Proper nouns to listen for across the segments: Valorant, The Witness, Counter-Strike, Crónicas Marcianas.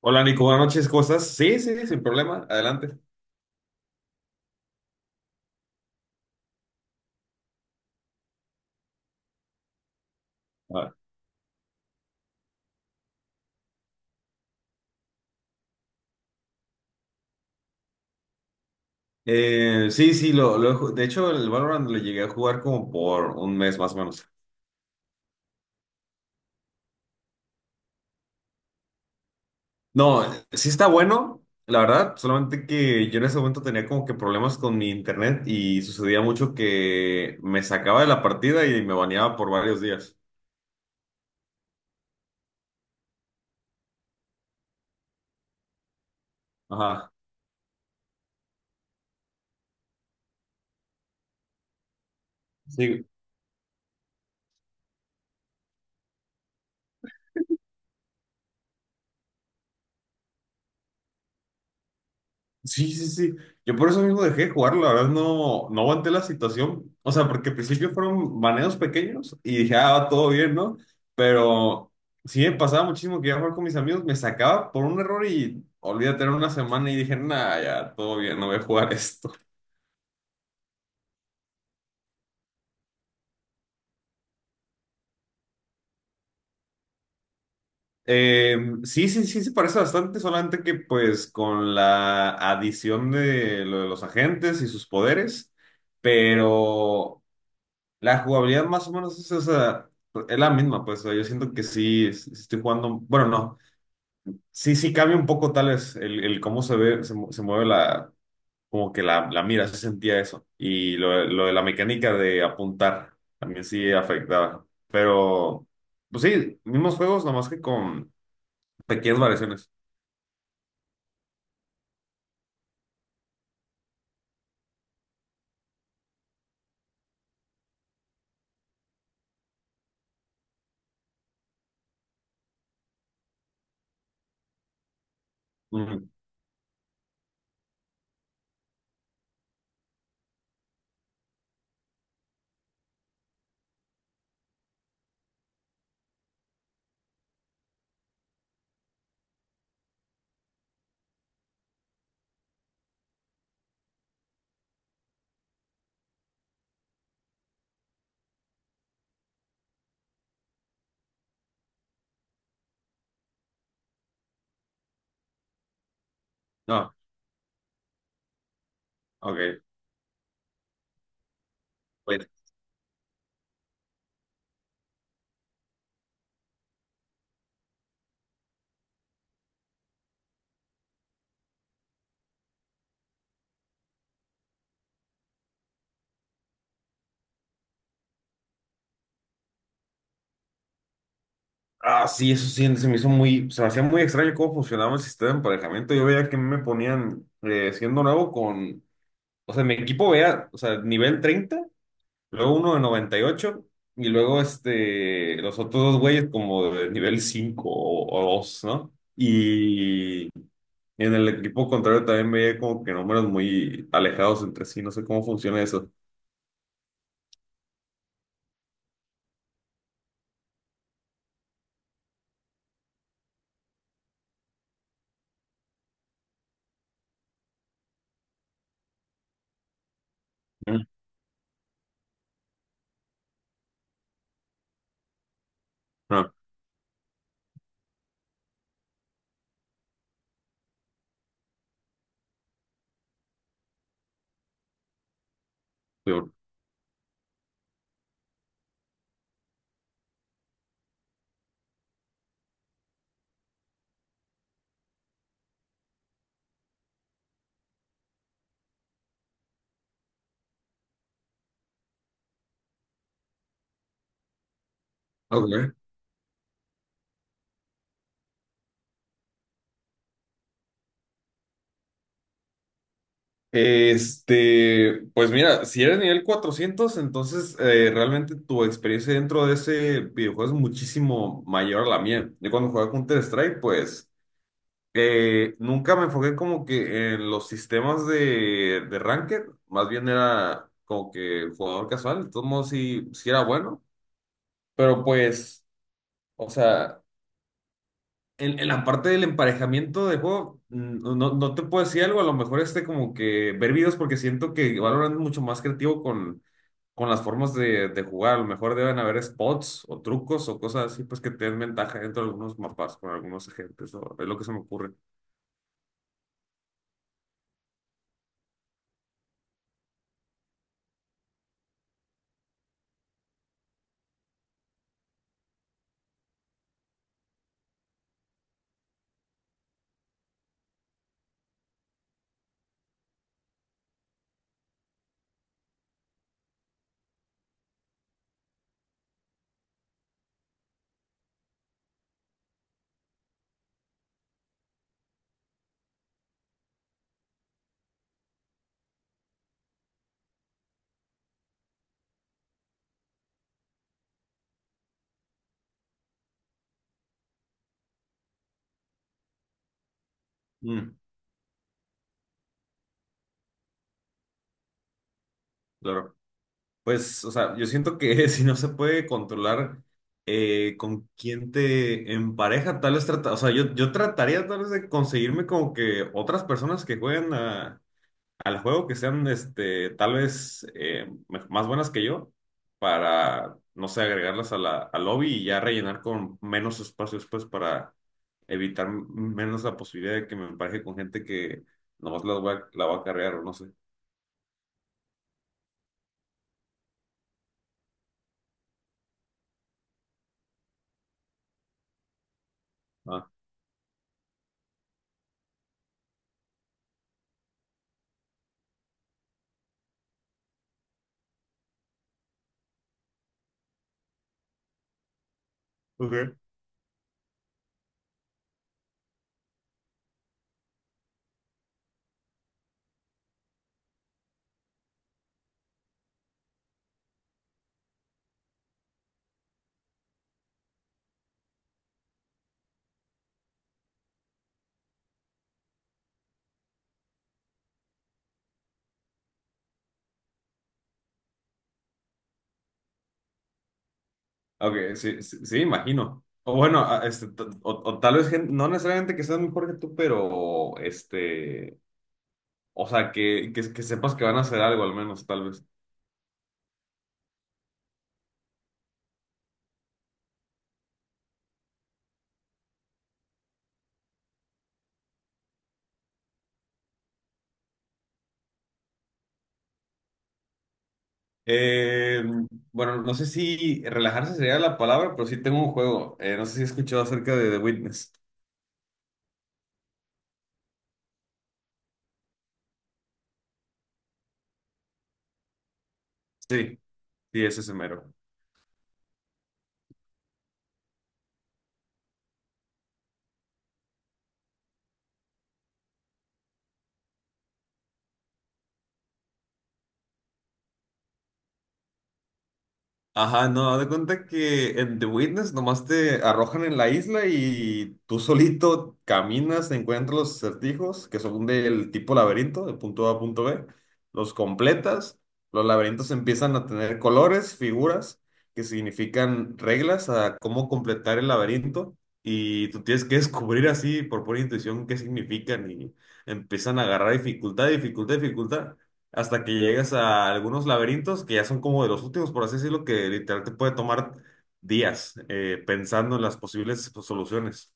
Hola Nico, buenas noches, ¿cómo estás? Sí, sí, sin problema, adelante. A ver. Sí, sí, lo de hecho el Valorant lo llegué a jugar como por un mes más o menos. No, sí está bueno, la verdad, solamente que yo en ese momento tenía como que problemas con mi internet y sucedía mucho que me sacaba de la partida y me baneaba por varios días. Ajá. Sí, sí, sí, sí. Yo por eso mismo dejé de jugar, la verdad no aguanté la situación. O sea, porque al principio fueron baneos pequeños y dije, ah, va todo bien, ¿no? Pero sí me pasaba muchísimo que iba a jugar con mis amigos, me sacaba por un error y olvídate, era una semana y dije, nah, ya, todo bien, no voy a jugar esto. Eh, sí, sí, sí, se parece bastante, solamente que pues con la adición de lo de los agentes y sus poderes, pero. La jugabilidad más o menos es, es la misma, pues o sea, yo siento que sí, sí estoy jugando, bueno, no, sí, sí cambia un poco tal vez el cómo se ve, se mueve como que la mira, se sentía eso. Y lo de la mecánica de apuntar también sí afectaba. Pero, pues sí, mismos juegos, nomás que con pequeñas variaciones. Ujú. No, ok. Pues, ah, sí, eso sí, se me hacía muy extraño cómo funcionaba el sistema de emparejamiento. Yo veía que me ponían siendo nuevo con. O sea, mi equipo vea, o sea, nivel 30, luego uno de 98, y luego los otros dos güeyes como de nivel 5 o 2, ¿no? Y en el equipo contrario también veía como que números muy alejados entre sí, no sé cómo funciona eso. Mm. Ah, peor. Ok. Pues mira, si eres nivel 400, entonces realmente tu experiencia dentro de ese videojuego es muchísimo mayor a la mía. Yo cuando jugaba Counter-Strike, pues. Nunca me enfoqué como que en los sistemas de ranked, más bien era como que jugador casual, de todos modos sí, sí era bueno, pero pues, o sea, en, la parte del emparejamiento de juego, no te puedo decir algo, a lo mejor como que ver videos, porque siento que Valorant es mucho más creativo con las formas de jugar, a lo mejor deben haber spots o trucos o cosas así, pues que te den ventaja dentro de algunos mapas con algunos agentes, es lo que se me ocurre. Mm, claro. Pues, o sea, yo siento que si no se puede controlar con quién te empareja, tal vez o sea, yo trataría tal vez de conseguirme como que otras personas que jueguen al juego, que sean tal vez más buenas que yo, para, no sé, agregarlas a al lobby y ya rellenar con menos espacios, pues, para evitar menos la posibilidad de que me empareje con gente que nomás la voy a carrear o no sé. Ah, ok. Ok, sí, sí, sí, imagino. O bueno, o tal vez no necesariamente que seas mejor que tú, pero o sea, que sepas que van a hacer algo al menos, tal vez. Eh, bueno, no sé si relajarse sería la palabra, pero sí tengo un juego. No sé si has escuchado acerca de The Witness. Sí, sí, ese es mero. Ajá, no, haz de cuenta que en The Witness nomás te arrojan en la isla y tú solito caminas, encuentras los acertijos que son del tipo laberinto, de punto A a punto B, los completas, los laberintos empiezan a tener colores, figuras que significan reglas a cómo completar el laberinto, y tú tienes que descubrir así por pura intuición qué significan, y empiezan a agarrar dificultad, dificultad, dificultad, hasta que llegas a algunos laberintos que ya son como de los últimos, por así decirlo, que literal te puede tomar días, pensando en las posibles, pues, soluciones.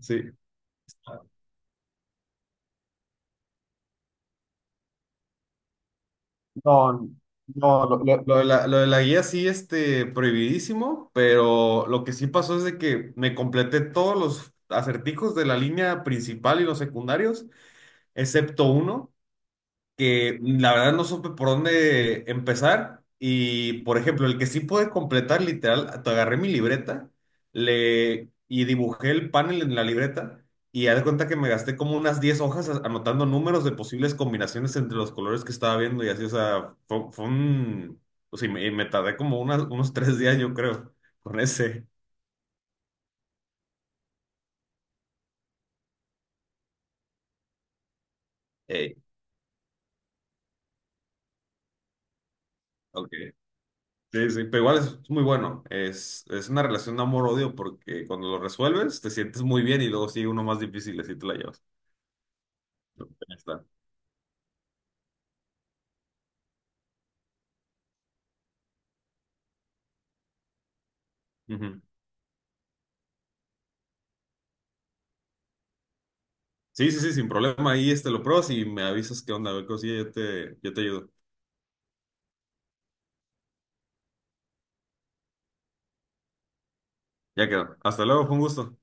Sí. No, no, lo de la guía sí, prohibidísimo, pero lo que sí pasó es de que me completé todos los acertijos de la línea principal y los secundarios, excepto uno, que la verdad no supe por dónde empezar. Y, por ejemplo, el que sí pude completar, literal, te agarré mi libreta y dibujé el panel en la libreta, y haz de cuenta que me gasté como unas 10 hojas anotando números de posibles combinaciones entre los colores que estaba viendo y así, o sea, fue un... O sea, y me tardé como unos 3 días, yo creo, con ese. Ey, ok. Sí, sí, pero igual es muy bueno. Es una relación de amor-odio porque cuando lo resuelves te sientes muy bien y luego sigue uno más difícil, así te la llevas. Pero ahí está. Ujú. Sí, sí, sí, sin problema. Ahí lo pruebas y me avisas qué onda, a ver, cosilla, yo te ayudo. Ya quedó. Hasta luego, fue un gusto.